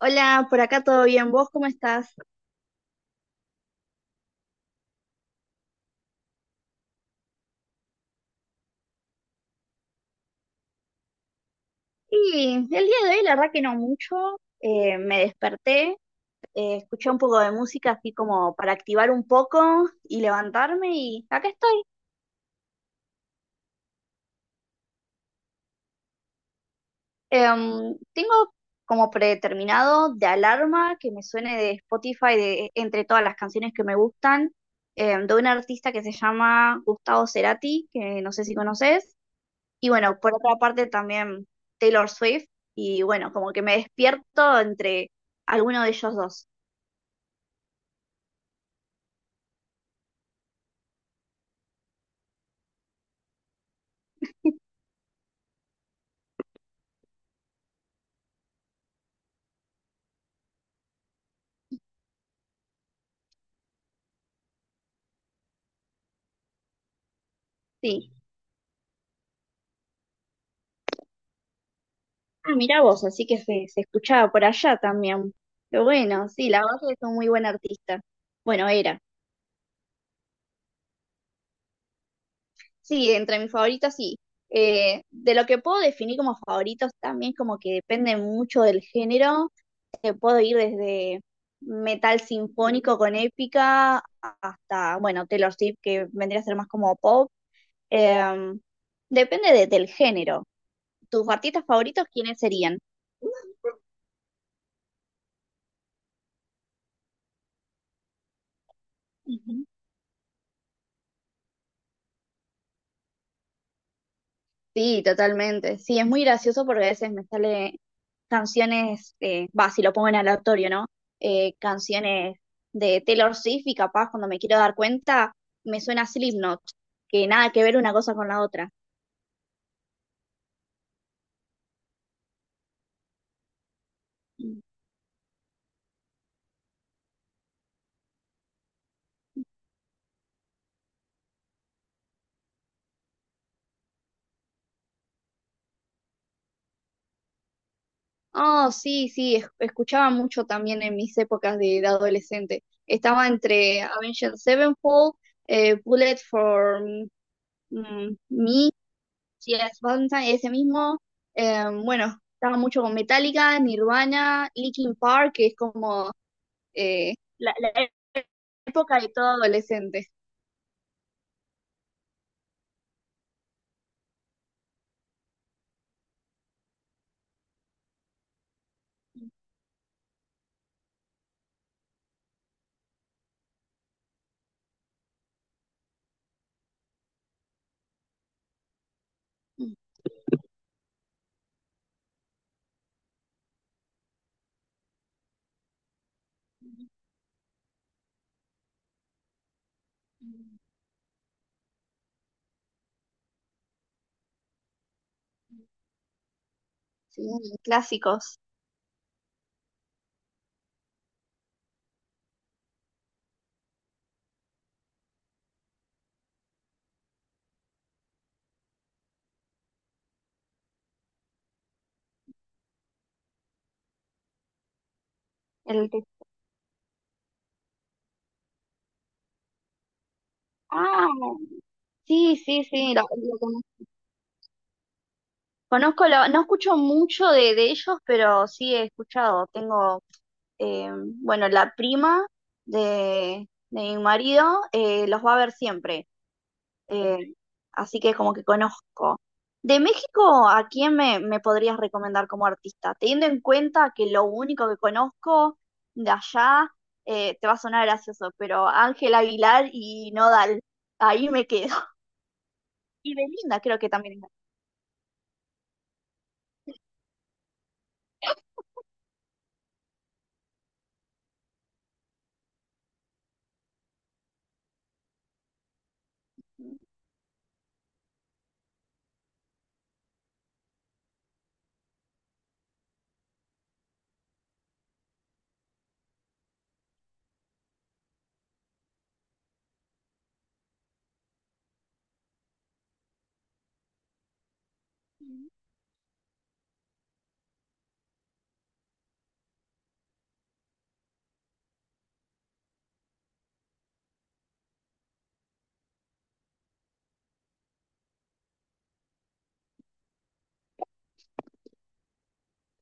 Hola, por acá todo bien, ¿vos cómo estás? Y el día de hoy la verdad que no mucho, me desperté, escuché un poco de música así como para activar un poco y levantarme y acá estoy. Tengo como predeterminado de alarma que me suene de Spotify entre todas las canciones que me gustan, de un artista que se llama Gustavo Cerati, que no sé si conoces. Y bueno, por otra parte también Taylor Swift. Y bueno, como que me despierto entre alguno de ellos dos. Sí. Ah, mirá vos, así que se escuchaba por allá también. Pero bueno, sí, la verdad que es un muy buen artista. Bueno, era. Sí, entre mis favoritos, sí. De lo que puedo definir como favoritos también, como que depende mucho del género. Puedo ir desde metal sinfónico con épica hasta, bueno, Taylor Swift, que vendría a ser más como pop. Em, Depende del género. ¿Tus artistas favoritos quiénes serían? Ujú. Sí, totalmente. Sí, es muy gracioso porque a veces me sale canciones, va, si lo pongo en aleatorio, ¿no? Canciones de Taylor Swift y capaz cuando me quiero dar cuenta me suena Slipknot, que nada que ver una cosa con la otra. Oh, sí, sí, escuchaba mucho también en mis épocas de adolescente. Estaba entre Avenged Sevenfold, Bullet for Me, Yes Valentine, ese mismo. Bueno, estaba mucho con Metallica, Nirvana, Linkin Park, que es como la época de todo adolescente. Sí, clásicos. El que- Ah, sí, sí, sí, lo conozco. No escucho mucho de ellos, pero sí he escuchado. Tengo, eh, bueno, la prima de mi marido los va a ver siempre, eh, así que como que conozco. De México, ¿a quién me podrías recomendar como artista? Teniendo en cuenta que lo único que conozco de allá, te va a sonar gracioso, pero Ángel Aguilar y Nodal, ahí me quedo. Y Belinda creo que también.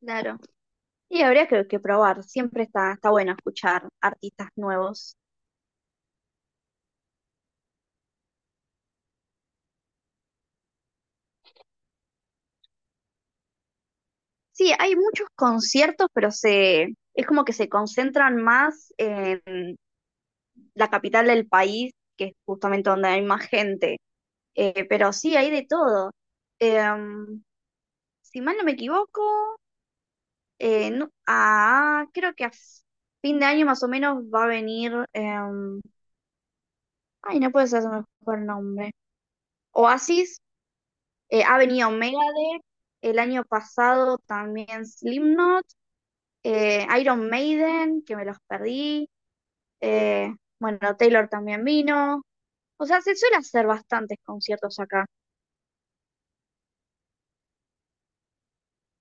Claro. Y habría que probar, siempre está bueno escuchar artistas nuevos. Sí, hay muchos conciertos, pero es como que se concentran más en la capital del país, que es justamente donde hay más gente. Pero sí, hay de todo. Em, si mal no me equivoco, creo que a fin de año más o menos va a venir, ay, no puede ser su mejor nombre. Oasis. Ha venido Megadeth, el año pasado también Slipknot, Iron Maiden, que me los perdí, eh, bueno, Taylor también vino. O sea, se suele hacer bastantes conciertos acá.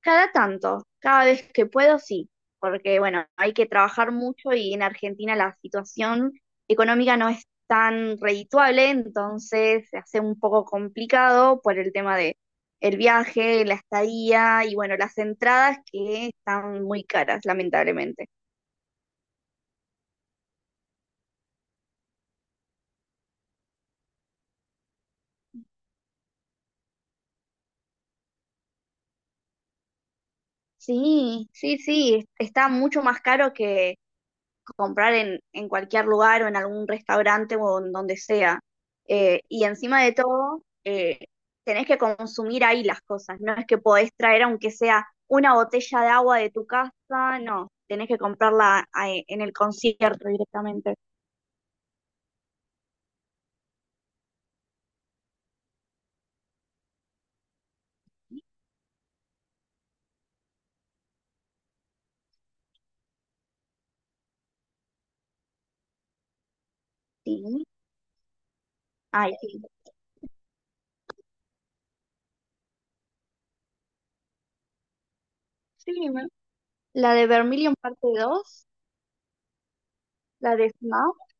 Cada tanto, cada vez que puedo, sí, porque bueno, hay que trabajar mucho y en Argentina la situación económica no es tan redituable, entonces se hace un poco complicado por el tema de el viaje, la estadía y bueno, las entradas que están muy caras, lamentablemente. Sí, sí, sí, está mucho más caro que comprar en cualquier lugar o en algún restaurante o en donde sea. Y encima de todo, tenés que consumir ahí las cosas, no es que podés traer aunque sea una botella de agua de tu casa, no, tenés que comprarla en el concierto directamente. Sí, ay, sí. Sí, la de Vermilion parte dos, la de Smash,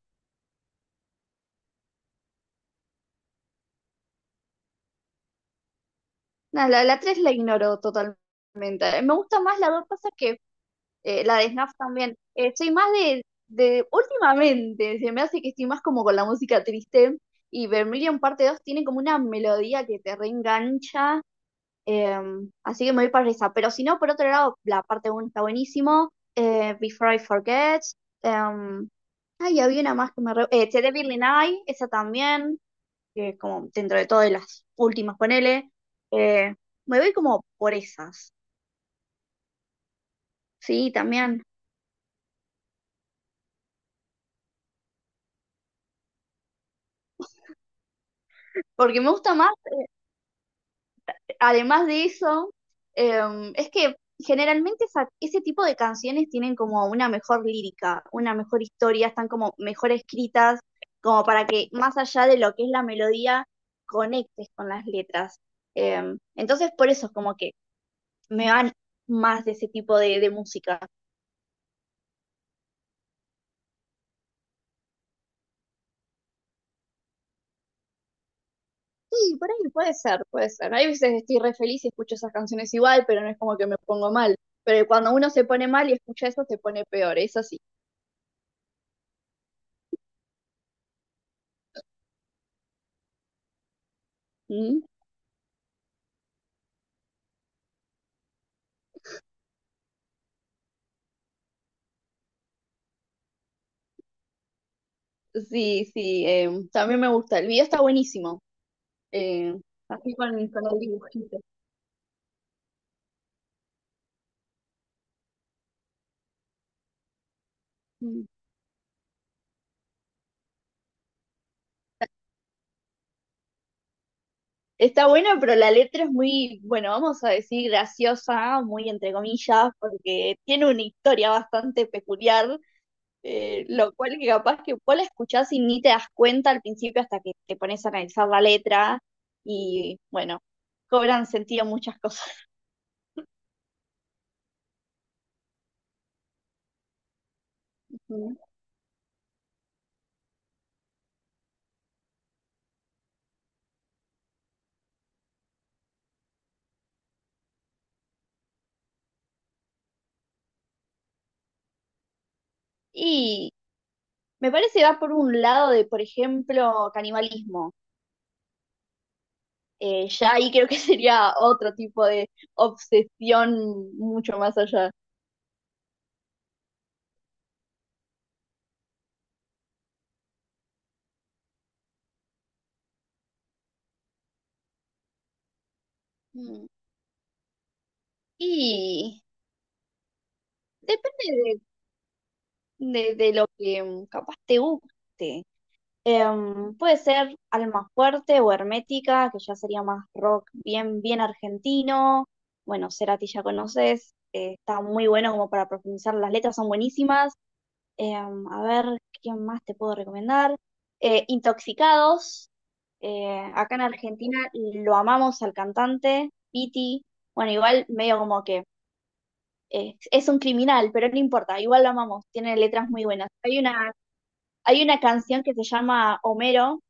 no, la 3 la ignoro totalmente. Me gusta más la dos, pasa que la de Snap también. Soy más de últimamente, se me hace que estoy más como con la música triste. Y Vermilion parte dos tiene como una melodía que te reengancha. eh, Así que me voy para esa. Pero si no, por otro lado, la parte uno está buenísimo. Before I Forget. em, Ay, había una más que me... Re... The Devil in I, esa también. Que es como dentro de todo de las últimas, ponele. Eh, Me voy como por esas. Sí, también. Porque me gusta más. Además de eso, es que generalmente ese tipo de canciones tienen como una mejor lírica, una mejor historia, están como mejor escritas, como para que más allá de lo que es la melodía, conectes con las letras. Entonces, por eso es como que me van más de ese tipo de música. Sí, por ahí puede ser, puede ser. Hay veces estoy re feliz y escucho esas canciones igual, pero no es como que me pongo mal. Pero cuando uno se pone mal y escucha eso, se pone peor, eso sí. ¿Mm? Sí, sí, también me gusta. El video está buenísimo. eh, Así con el dibujito. Mm. Está bueno, pero la letra es muy, bueno, vamos a decir graciosa, muy entre comillas, porque tiene una historia bastante peculiar, lo cual que capaz que vos la escuchás y ni te das cuenta al principio hasta que te pones a analizar la letra y, bueno, cobran sentido muchas cosas. Mm. Y me parece va por un lado de, por ejemplo, canibalismo. Ya ahí creo que sería otro tipo de obsesión mucho más allá. Mm. Y depende de lo que capaz te guste. Puede ser Alma Fuerte o Hermética, que ya sería más rock bien, bien argentino. Bueno, Cerati ya conoces, está muy bueno como para profundizar, las letras son buenísimas. A ver, ¿quién más te puedo recomendar? Intoxicados. Acá en Argentina lo amamos al cantante, Piti. Bueno, igual medio como que es un criminal, pero no importa, igual lo amamos, tiene letras muy buenas. Hay una canción que se llama Homero,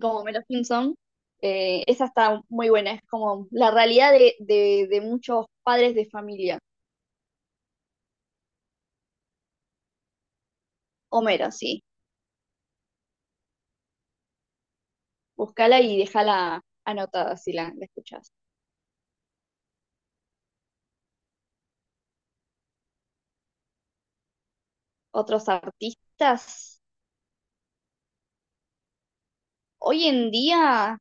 como Homero Simpson. Esa está muy buena, es como la realidad de muchos padres de familia. Homero, sí. Búscala y déjala anotada si la escuchas. Otros artistas. Hoy en día,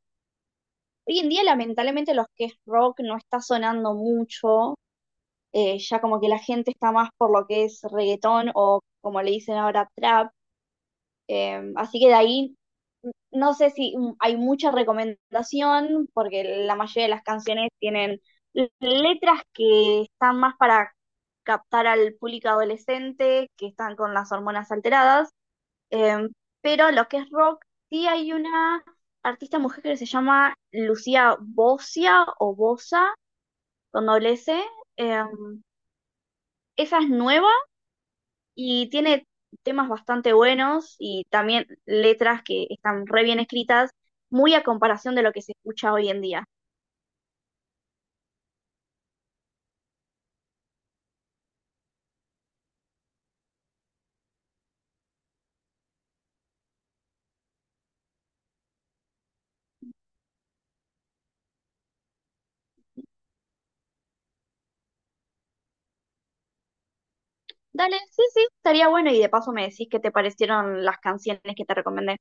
Hoy en día lamentablemente los que es rock no está sonando mucho, ya como que la gente está más por lo que es reggaetón o como le dicen ahora trap, así que de ahí no sé si hay mucha recomendación porque la mayoría de las canciones tienen letras que están más para captar al público adolescente, que están con las hormonas alteradas. Em, pero lo que es rock, sí hay una artista mujer que se llama Lucía Bosia o Bosa, con doble S. Em, Esa es nueva y tiene temas bastante buenos y también letras que están re bien escritas, muy a comparación de lo que se escucha hoy en día. Dale, sí, sí, estaría bueno y de paso me decís qué te parecieron las canciones que te recomendé.